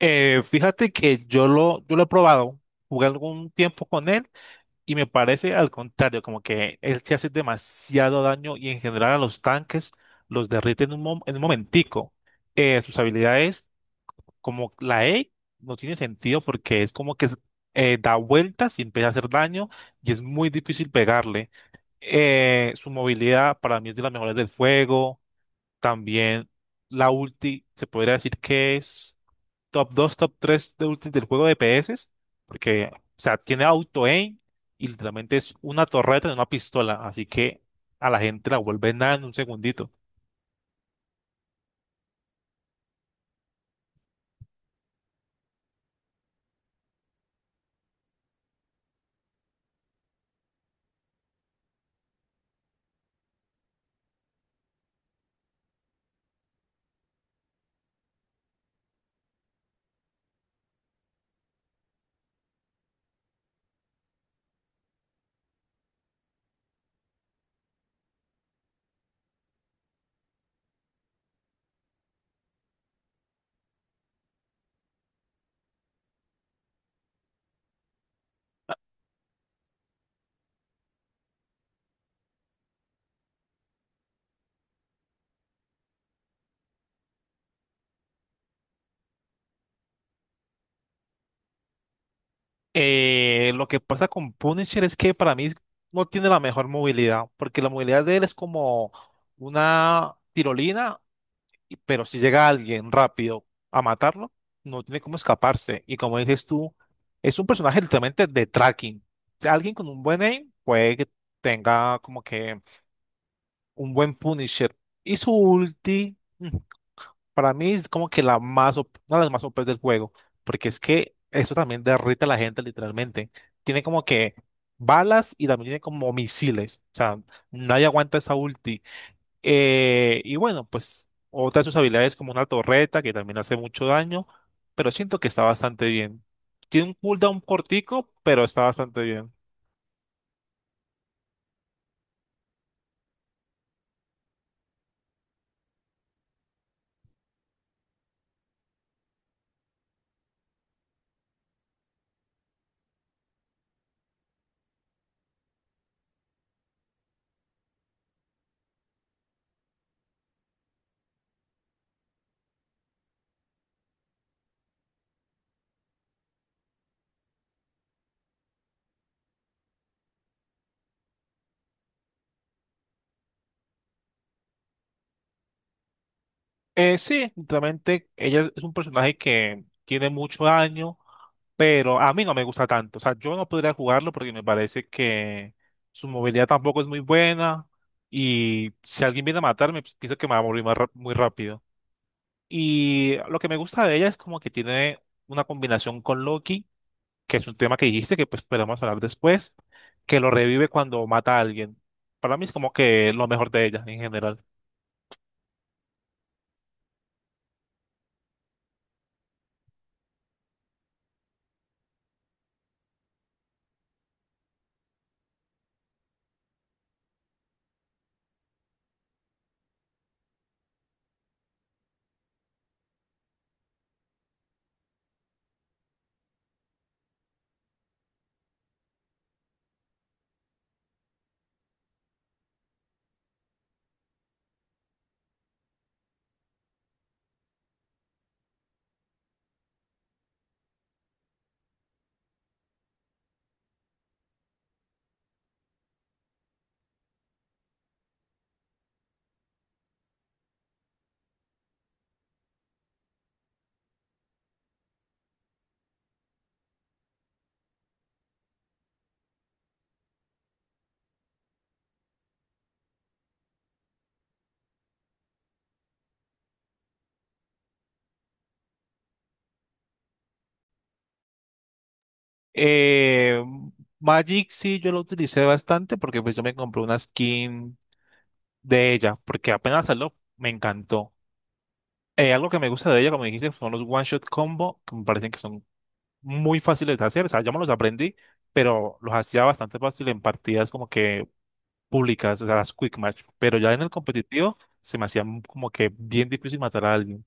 Fíjate que yo lo he probado, jugué algún tiempo con él y me parece al contrario, como que él se hace demasiado daño y en general a los tanques los derrite en en un momentico. Sus habilidades, como la E, no tiene sentido porque es como que es- da vueltas y empieza a hacer daño y es muy difícil pegarle. Su movilidad para mí es de las mejores del juego. También la ulti, se podría decir que es top 2, top 3 de del juego de PS, porque, o sea, tiene auto-aim y literalmente es una torreta de una pistola, así que a la gente la vuelve nada en un segundito. Lo que pasa con Punisher es que para mí no tiene la mejor movilidad, porque la movilidad de él es como una tirolina pero si llega alguien rápido a matarlo, no tiene cómo escaparse. Y como dices tú, es un personaje literalmente de tracking. O sea, alguien con un buen aim puede que tenga como que un buen Punisher. Y su ulti, para mí es como que la una de las más OP del juego, porque es que eso también derrite a la gente literalmente. Tiene como que balas y también tiene como misiles. O sea, nadie aguanta esa ulti. Y bueno, pues otra de sus habilidades como una torreta que también hace mucho daño, pero siento que está bastante bien. Tiene un cooldown cortico, pero está bastante bien. Sí, realmente ella es un personaje que tiene mucho daño, pero a mí no me gusta tanto. O sea, yo no podría jugarlo porque me parece que su movilidad tampoco es muy buena y si alguien viene a matarme, pues pienso que me va a morir muy rápido. Y lo que me gusta de ella es como que tiene una combinación con Loki, que es un tema que dijiste que pues podemos hablar después, que lo revive cuando mata a alguien. Para mí es como que lo mejor de ella en general. Eh, Magic sí yo lo utilicé bastante porque pues yo me compré una skin de ella, porque apenas salió me encantó. Algo que me gusta de ella, como dijiste, son los one shot combo, que me parecen que son muy fáciles de hacer, o sea, yo me los aprendí, pero los hacía bastante fácil en partidas como que públicas, o sea, las quick match, pero ya en el competitivo se me hacía como que bien difícil matar a alguien.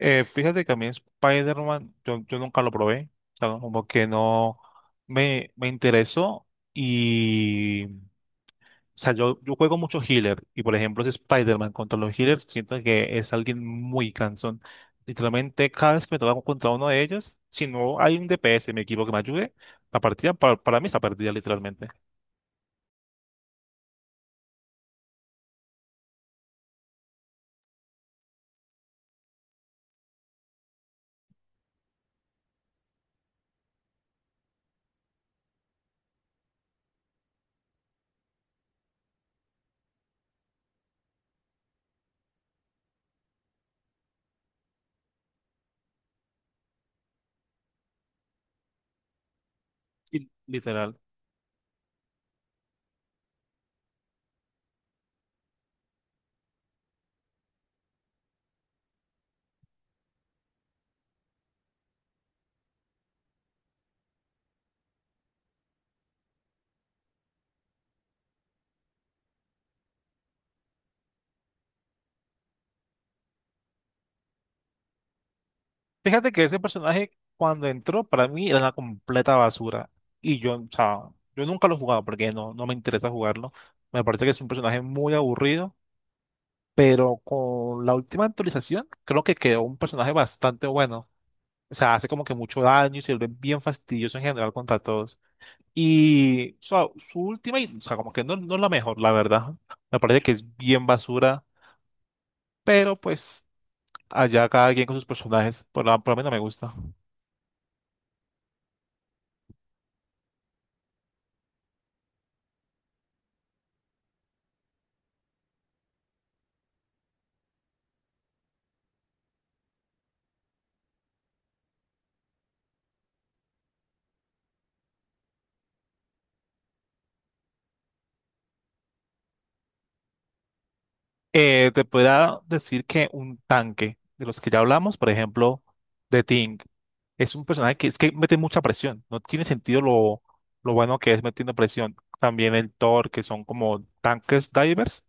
Fíjate que a mí Spider-Man, yo nunca lo probé, o sea, no, como que no me interesó y, o sea, yo juego mucho healer y por ejemplo ese Spider-Man contra los healers siento que es alguien muy cansón. Literalmente cada vez que me toca contra uno de ellos, si no hay un DPS en mi equipo que me ayude, la partida para mí está perdida literalmente. Literal. Fíjate que ese personaje cuando entró para mí era una completa basura y yo, o sea, yo nunca lo he jugado porque no, no me interesa jugarlo. Me parece que es un personaje muy aburrido, pero con la última actualización creo que quedó un personaje bastante bueno. O sea, hace como que mucho daño y se vuelve bien fastidioso en general contra todos. Y o sea, o sea, como que no, no es la mejor, la verdad. Me parece que es bien basura, pero pues allá cada quien con sus personajes, por lo menos me gusta. Te podría decir que un tanque de los que ya hablamos, por ejemplo, de Ting, es un personaje que es que mete mucha presión. No tiene sentido lo bueno que es metiendo presión. También el Thor, que son como tanques divers.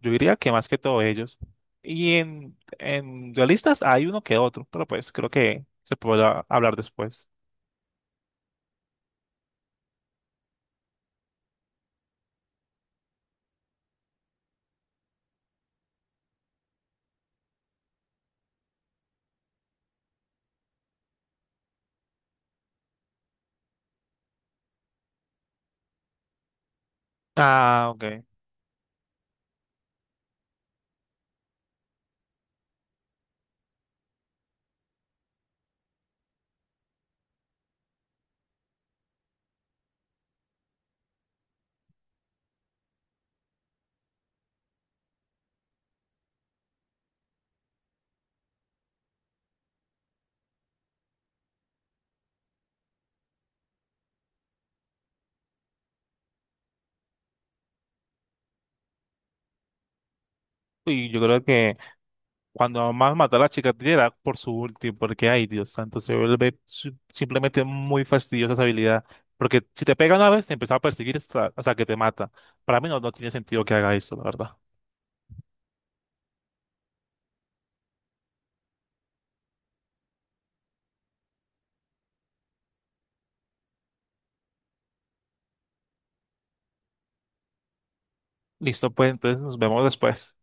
Yo diría que más que todo ellos. Y en duelistas hay uno que otro, pero pues creo que se podrá hablar después. Ah, ok. Y yo creo que cuando más mató a la chica era por su ulti, porque ay Dios santo, se vuelve simplemente muy fastidiosa esa habilidad. Porque si te pega una vez, te empieza a perseguir hasta que te mata. Para mí no tiene sentido que haga eso, la verdad. Listo, pues entonces nos vemos después.